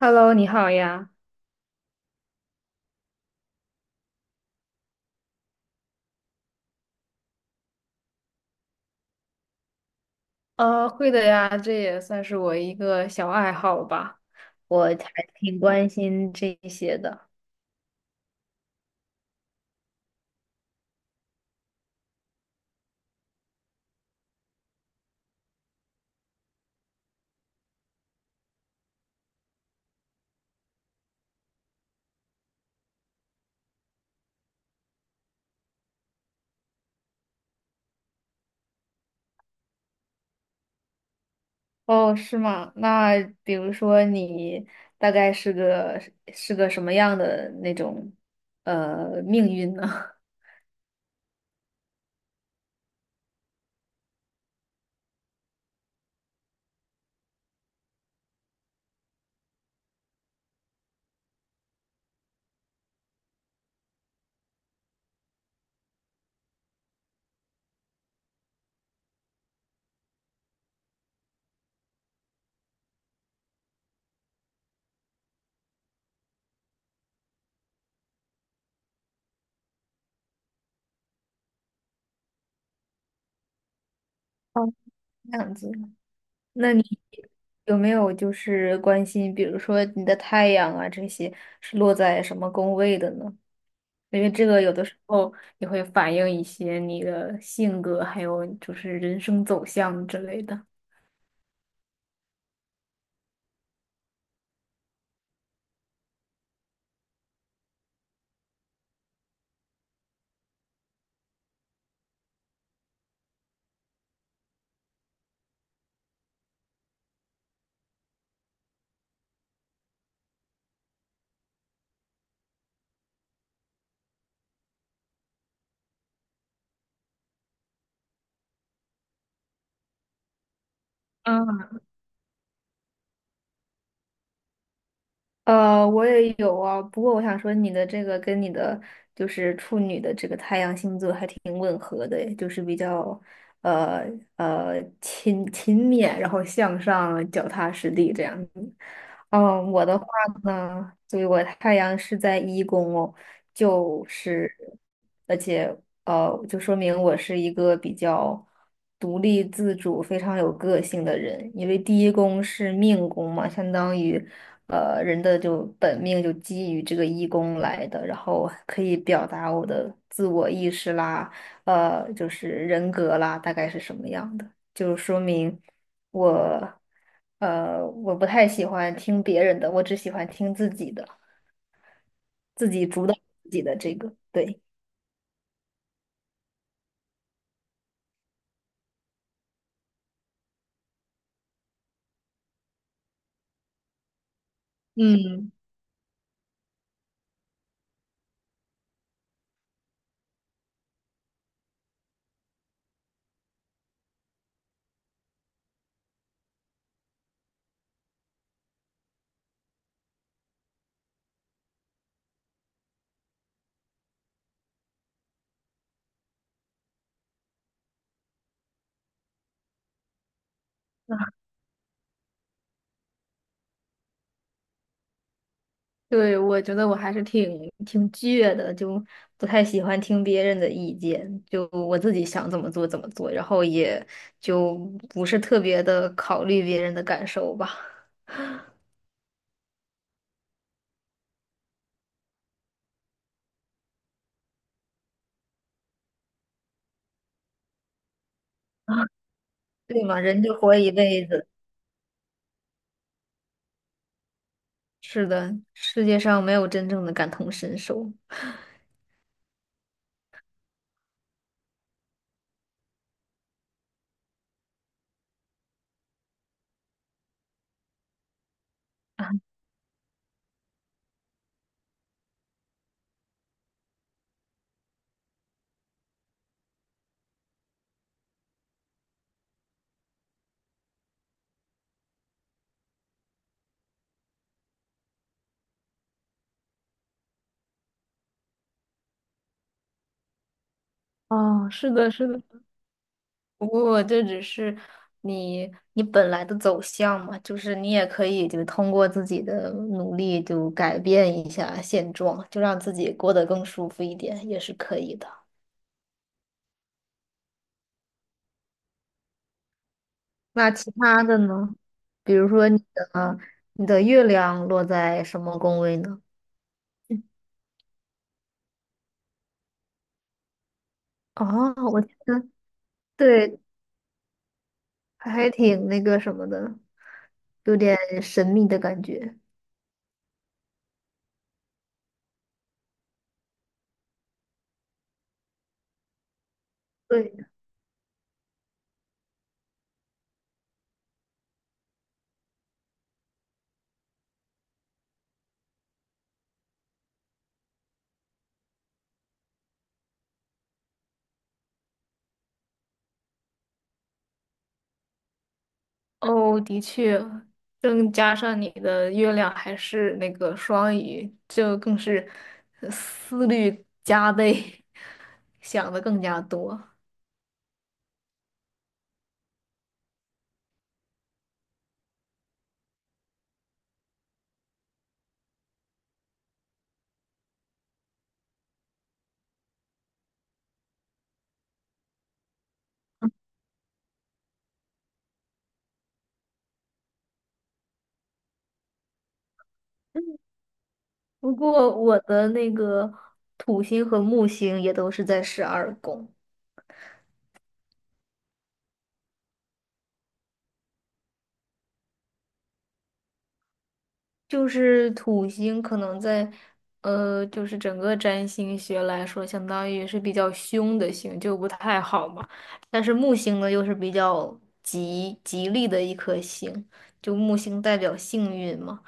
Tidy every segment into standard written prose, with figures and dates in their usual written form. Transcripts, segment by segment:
Hello，你好呀。会的呀，这也算是我一个小爱好吧。我还挺关心这些的。哦，是吗？那比如说你大概是个什么样的那种命运呢？哦，这样子。那你有没有就是关心，比如说你的太阳啊这些是落在什么宫位的呢？因为这个有的时候也会反映一些你的性格，还有就是人生走向之类的。嗯，我也有啊，不过我想说，你的这个跟你的就是处女的这个太阳星座还挺吻合的诶，就是比较呃勤勤勉，然后向上，脚踏实地这样子。嗯，我的话呢，对，我太阳是在一宫哦，就是而且。就说明我是一个比较独立自主、非常有个性的人。因为第一宫是命宫嘛，相当于人的就本命就基于这个一宫来的，然后可以表达我的自我意识啦，呃，就是人格啦，大概是什么样的，就说明我我不太喜欢听别人的，我只喜欢听自己的，自己主导自己的这个，对。嗯，对，我觉得我还是挺倔的，就不太喜欢听别人的意见，就我自己想怎么做怎么做，然后也就不是特别的考虑别人的感受吧，对嘛，人就活一辈子，是的，世界上没有真正的感同身受。哦，是的，是的，不过这只是你本来的走向嘛，就是你也可以就通过自己的努力就改变一下现状，就让自己过得更舒服一点，也是可以的。那其他的呢？比如说你的你的月亮落在什么宫位呢？哦，我觉得对，还挺那个什么的，有点神秘的感觉。对。哦，的确，更加上你的月亮还是那个双鱼，就更是思虑加倍，想的更加多。不过我的那个土星和木星也都是在十二宫。就是土星可能在，呃，就是整个占星学来说，相当于是比较凶的星，就不太好嘛。但是木星呢，又是比较吉利的一颗星，就木星代表幸运嘛。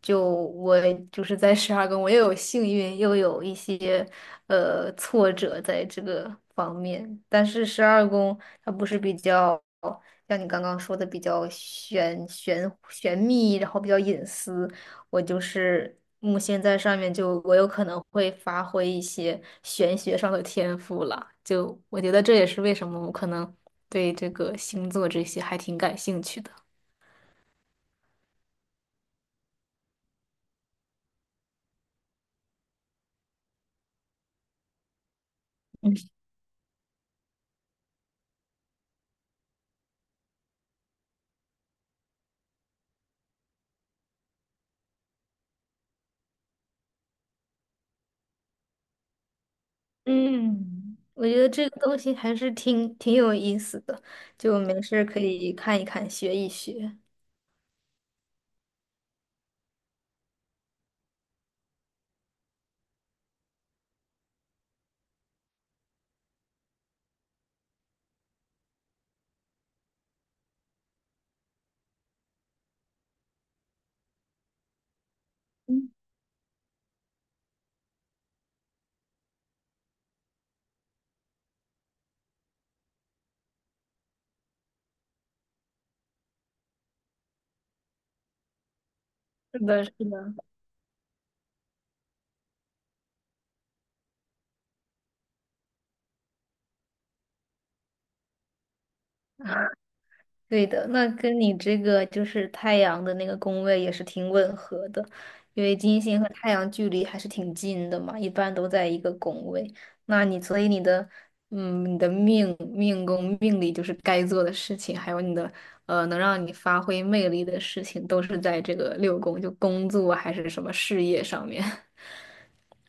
就我就是在十二宫，我又有幸运，又有一些挫折在这个方面。但是十二宫它不是比较像你刚刚说的比较玄秘，然后比较隐私。我就是木星在上面就我有可能会发挥一些玄学上的天赋了，就我觉得这也是为什么我可能对这个星座这些还挺感兴趣的。嗯，我觉得这个东西还是挺有意思的，就没事儿可以看一看，学一学。嗯，是的，是的。对的，那跟你这个就是太阳的那个宫位也是挺吻合的，因为金星和太阳距离还是挺近的嘛，一般都在一个宫位。那你所以你的，嗯，你的命宫命里就是该做的事情，还有你的能让你发挥魅力的事情，都是在这个六宫，就工作还是什么事业上面。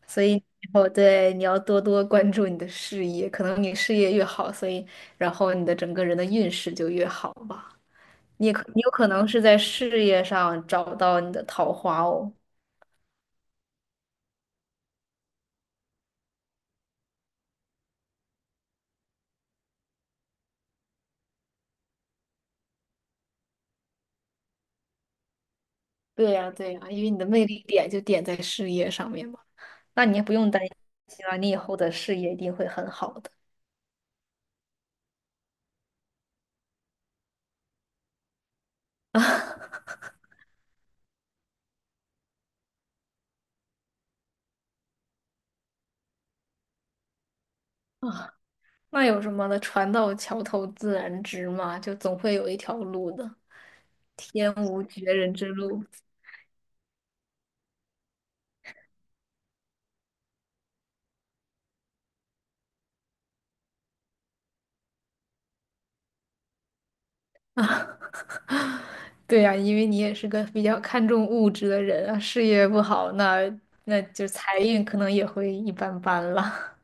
所以以后对你要多多关注你的事业，可能你事业越好，所以然后你的整个人的运势就越好吧。你有可能是在事业上找到你的桃花哦，对呀，对呀，因为你的魅力点就点在事业上面嘛。那你也不用担心了，你以后的事业一定会很好的。啊，那有什么的？船到桥头自然直嘛，就总会有一条路的。天无绝人之路，啊，对呀，因为你也是个比较看重物质的人啊，事业不好，那那就财运可能也会一般般了。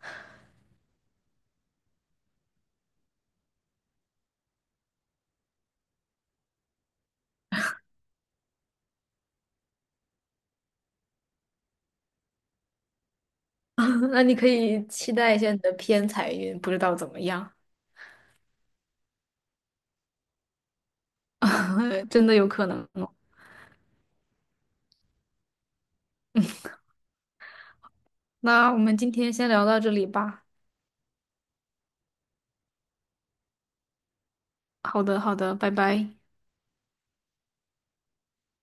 那你可以期待一下你的偏财运，不知道怎么样，真的有可能哦。那我们今天先聊到这里吧。好的，好的，拜拜。